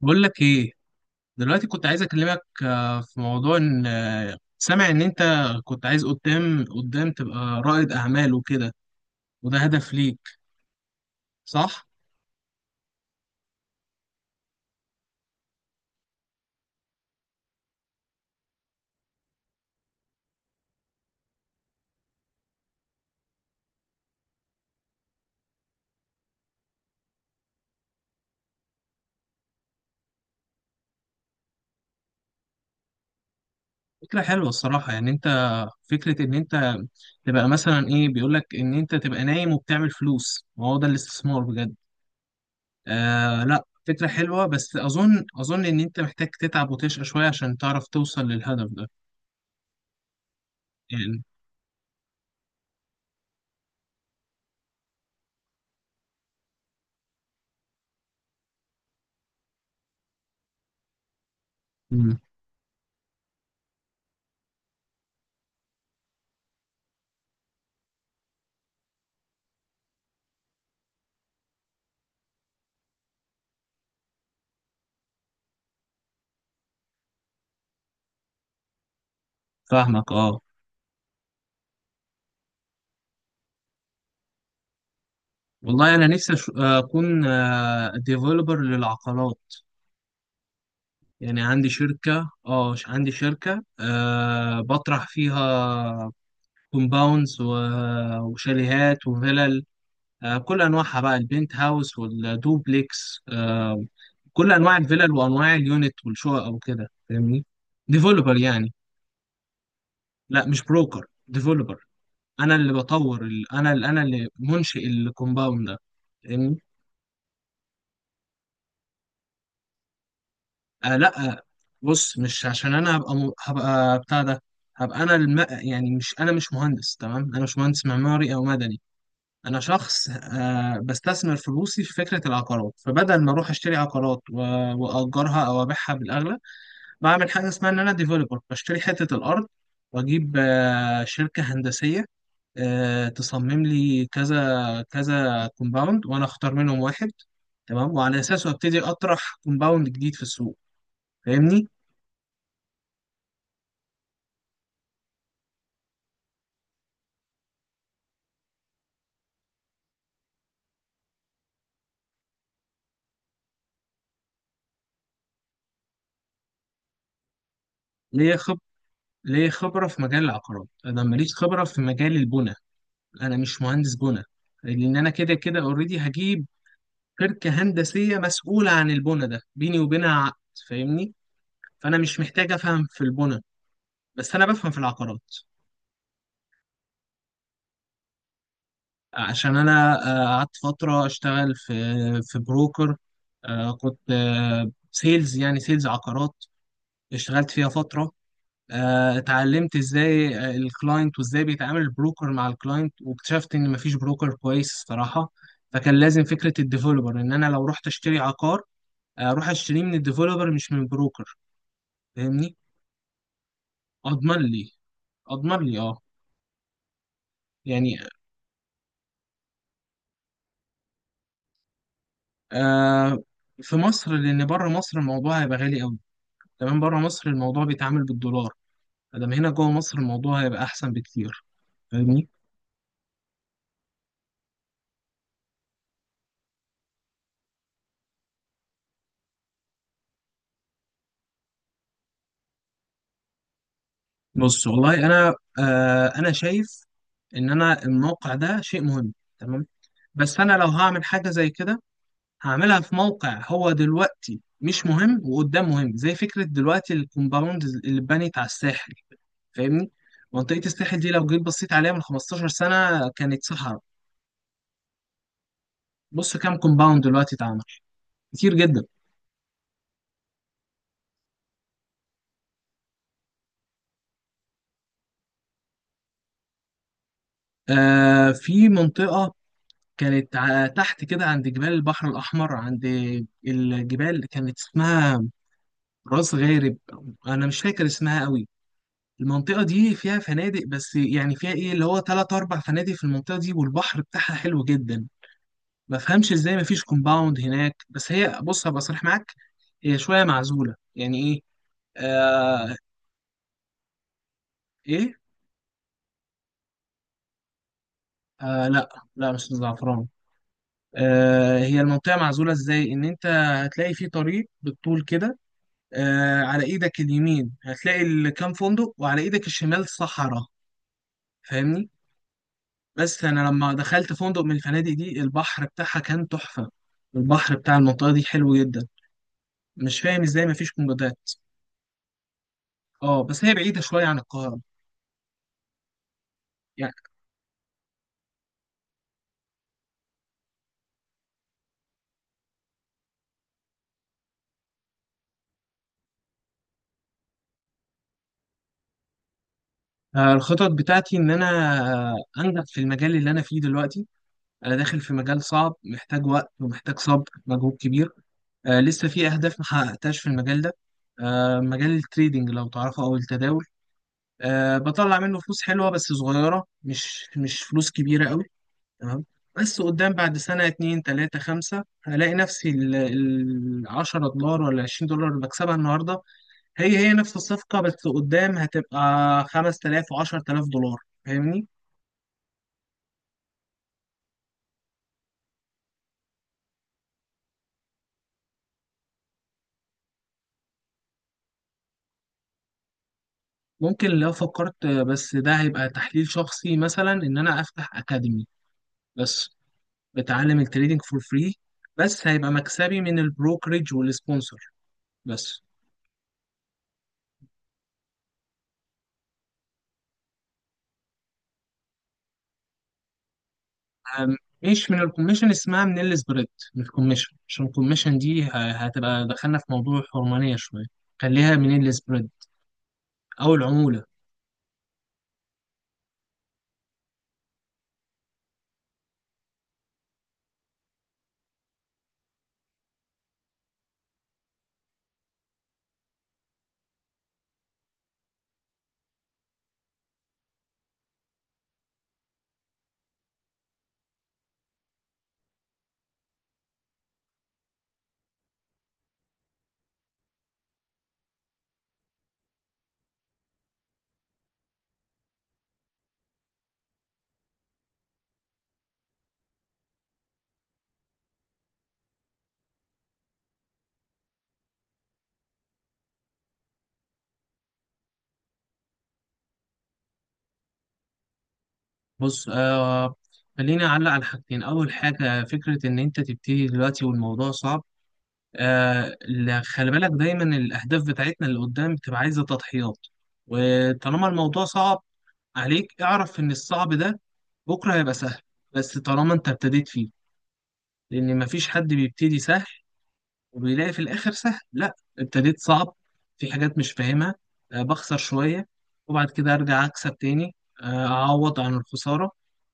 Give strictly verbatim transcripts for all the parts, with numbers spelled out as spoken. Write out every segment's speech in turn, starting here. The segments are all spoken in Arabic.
بقول لك ايه. دلوقتي كنت عايز اكلمك آه، في موضوع ان آه، سامع ان انت كنت عايز قدام قدام تبقى رائد اعمال وكده، وده هدف ليك، صح؟ فكرة حلوة الصراحة، يعني انت فكرة ان انت تبقى مثلا ايه بيقولك ان انت تبقى نايم وبتعمل فلوس، ما هو ده الاستثمار بجد. آه لا فكرة حلوة، بس اظن اظن ان انت محتاج تتعب وتشقى شوية عشان تعرف توصل للهدف ده. يعني مم، فاهمك اه. والله انا نفسي أش- آه، اكون ديفلوبر للعقارات، يعني عندي شركة اه ش- عندي شركة آه، بطرح فيها كومباوندز وشاليهات وفلل، آه، كل انواعها بقى البنت هاوس والدوبليكس، آه، كل انواع الفلل وانواع اليونت والشقق وكده، فاهمني؟ ديفلوبر يعني. لا مش بروكر، ديفلوبر. انا اللي بطور ال- انا اللي انا اللي منشئ الكومباوند ده، فاهمني؟ آه لا آه، بص مش عشان انا هبقى م... هبقى بتاع ده، هبقى انا الم... يعني مش انا مش مهندس، تمام؟ انا مش مهندس معماري او مدني. انا شخص آه بستثمر فلوسي في فكره العقارات، فبدل ما اروح اشتري عقارات و... واجرها او ابيعها بالاغلى، بعمل حاجه اسمها ان انا ديفلوبر، بشتري حته الارض واجيب آه شركه هندسيه آه تصمم لي كذا كذا كومباوند وانا اختار منهم واحد، تمام، وعلى اساسه ابتدي اطرح كومباوند جديد في السوق، فاهمني؟ ليه خب... ليه خبرة في مجال العقارات، أنا ماليش خبرة في مجال البنى، أنا مش مهندس بنى، لأن أنا كده كده أوريدي هجيب شركة هندسية مسؤولة عن البنى، ده بيني وبينها عقد، فاهمني؟ فأنا مش محتاج أفهم في البنى، بس أنا بفهم في العقارات. عشان أنا آه، قعدت فترة أشتغل في في بروكر، آه، كنت سيلز، يعني سيلز عقارات، اشتغلت فيها فترة، آه، اتعلمت ازاي آه، الكلاينت وازاي بيتعامل البروكر مع الكلاينت، واكتشفت ان مفيش بروكر كويس الصراحه. فكان لازم فكره الديفلوبر، ان انا لو رحت اشتري عقار آه، اروح اشتريه من الديفلوبر مش من بروكر، فاهمني؟ اضمن لي، اضمن لي اه. يعني آه في مصر، لان بره مصر الموضوع هيبقى غالي قوي، كمان بره مصر الموضوع بيتعامل بالدولار. ادام هنا جوه مصر الموضوع هيبقى احسن بكتير، فاهمني؟ بص والله انا آه انا شايف ان انا الموقع ده شيء مهم، تمام؟ بس انا لو هعمل حاجه زي كده هعملها في موقع هو دلوقتي مش مهم وقدام مهم، زي فكره دلوقتي الكومباوند اللي اتبنت على الساحل، فاهمني؟ منطقه الساحل دي لو جيت بصيت عليها من خمسة عشر سنه كانت صحراء. بص كام كومباوند دلوقتي اتعمل، كتير جدا. آه في منطقه كانت ع- تحت كده عند جبال البحر الاحمر، عند الجبال، كانت اسمها راس غارب، انا مش فاكر اسمها قوي. المنطقه دي فيها فنادق، بس يعني فيها ايه اللي هو تلات اربع فنادق في المنطقه دي، والبحر بتاعها حلو جدا. ما فهمش ازاي ما فيش كومباوند هناك، بس هي بص هبقى صريح معاك، هي شويه معزوله. يعني ايه؟ آه. ايه. آه لا، لا مش الزعفران. آه هي المنطقه معزوله ازاي، ان انت هتلاقي في طريق بالطول كده، آه على ايدك اليمين هتلاقي ال- كام فندق، وعلى ايدك الشمال صحراء، فاهمني؟ بس انا لما دخلت فندق من الفنادق دي البحر بتاعها كان تحفه. البحر بتاع المنطقه دي حلو جدا، مش فاهم ازاي مفيش منجدات. اه بس هي بعيده شويه عن القاهره. يعني آه، الخطط بتاعتي ان انا آه، انجح في المجال اللي انا فيه دلوقتي. انا داخل في مجال صعب، محتاج وقت ومحتاج صبر، مجهود كبير. آه، لسه في اهداف ما حققتهاش في المجال ده. آه، مجال التريدينج لو تعرفه، او التداول. آه، بطلع منه فلوس حلوه بس صغيره، مش مش فلوس كبيره قوي. تمام. بس قدام بعد سنة اتنين تلاتة خمسة هلاقي نفسي العشرة دولار ولا عشرين دولار اللي بكسبها النهاردة، هي هي نفس الصفقة بس قدام هتبقى خمس تلاف وعشر تلاف دولار، فاهمني؟ ممكن لو فكرت، بس ده هيبقى تحليل شخصي، مثلا إن أنا أفتح أكاديمي بس بتعلم التريدينج فور فري، بس هيبقى مكسبي من البروكريج والسبونسر بس. أم- مش من الكوميشن، اسمها من السبريد. من الكوميشن عشان الكوميشن دي ه- هتبقى دخلنا في موضوع حرمانية شوية، خليها من السبريد، أو العمولة. بص آه خليني أعلق على حاجتين. أول حاجة فكرة إن أنت تبتدي دلوقتي والموضوع صعب، آه لا، خلي بالك دايما الأهداف بتاعتنا اللي قدام بتبقى عايزة تضحيات، وطالما الموضوع صعب عليك اعرف إن الصعب ده بكرة هيبقى سهل، بس طالما أنت ابتديت فيه. لأن مفيش حد بيبتدي سهل وبيلاقي في الاخر سهل، لا ابتديت صعب، في حاجات مش فاهمها، آه، بخسر شويه، وبعد كده ارجع اكسب تاني، آه، اعوض عن الخساره،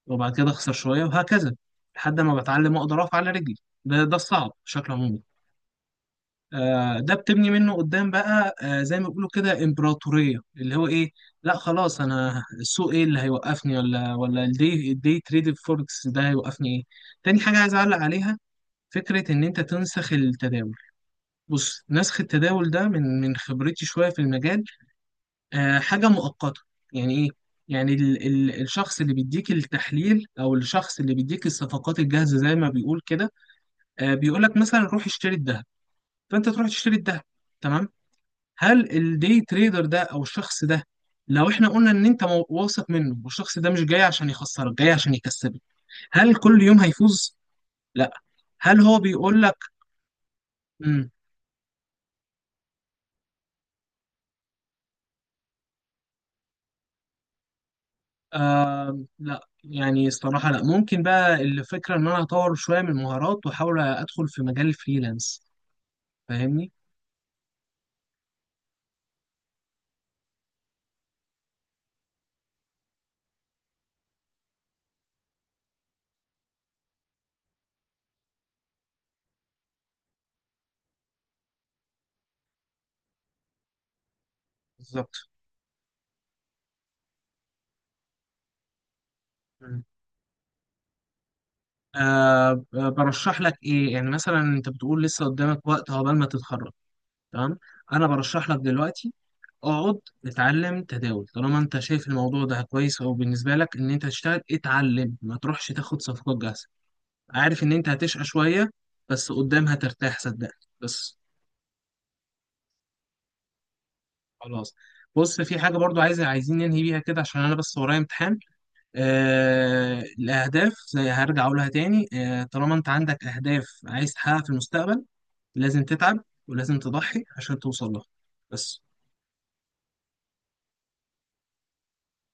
وبعد كده اخسر شويه وهكذا، لحد ما بتعلم اقدر اقف على رجلي. ده ده الصعب بشكل عمومي. آه، ده بتبني منه قدام بقى آه، زي ما بيقولوا كده امبراطوريه، اللي هو ايه، لا خلاص انا السوق ايه اللي هيوقفني، ولا ولا الدي الدي تريد فوركس ده هيوقفني ايه. تاني حاجه عايز اعلق عليها، فكره ان انت تنسخ التداول. بص نسخ التداول ده من من خبرتي شوية في المجال آه حاجة مؤقتة. يعني إيه؟ يعني ال ال الشخص اللي بيديك التحليل، أو الشخص اللي بيديك الصفقات الجاهزة زي ما بيقول كده، آه بيقول لك مثلا روح اشتري الذهب، فأنت تروح تشتري الذهب، تمام؟ هل الدي تريدر ده أو الشخص ده، لو احنا قلنا ان انت مو- واثق منه والشخص ده مش جاي عشان يخسرك، جاي عشان يكسبك، هل كل يوم هيفوز؟ لا. هل هو بيقول لك؟ لا. يعني الصراحة لا. ممكن بقى الفكرة إن أنا أطور شوية من المهارات وأحاول أدخل في مجال الفريلانس، فاهمني؟ بالظبط. مم. أه برشح لك إيه، يعني مثلا أنت بتقول لسه قدامك وقت عقبال ما تتخرج، تمام؟ أنا برشح لك دلوقتي اقعد اتعلم تداول، طالما انت شايف الموضوع ده كويس او بالنسبه لك ان انت تشتغل اتعلم، ما تروحش تاخد صفقات جاهزه. عارف ان انت هتشقى شويه، بس قدام هترتاح صدقني، بس. خلاص. بص في حاجة برضو عايز عايزين ننهي بيها كده عشان أنا بس ورايا امتحان. آه الأهداف زي هرجع أقولها تاني، آه طالما أنت عندك أهداف عايز تحققها في المستقبل لازم تتعب، ولازم تضحي عشان توصل لها، بس.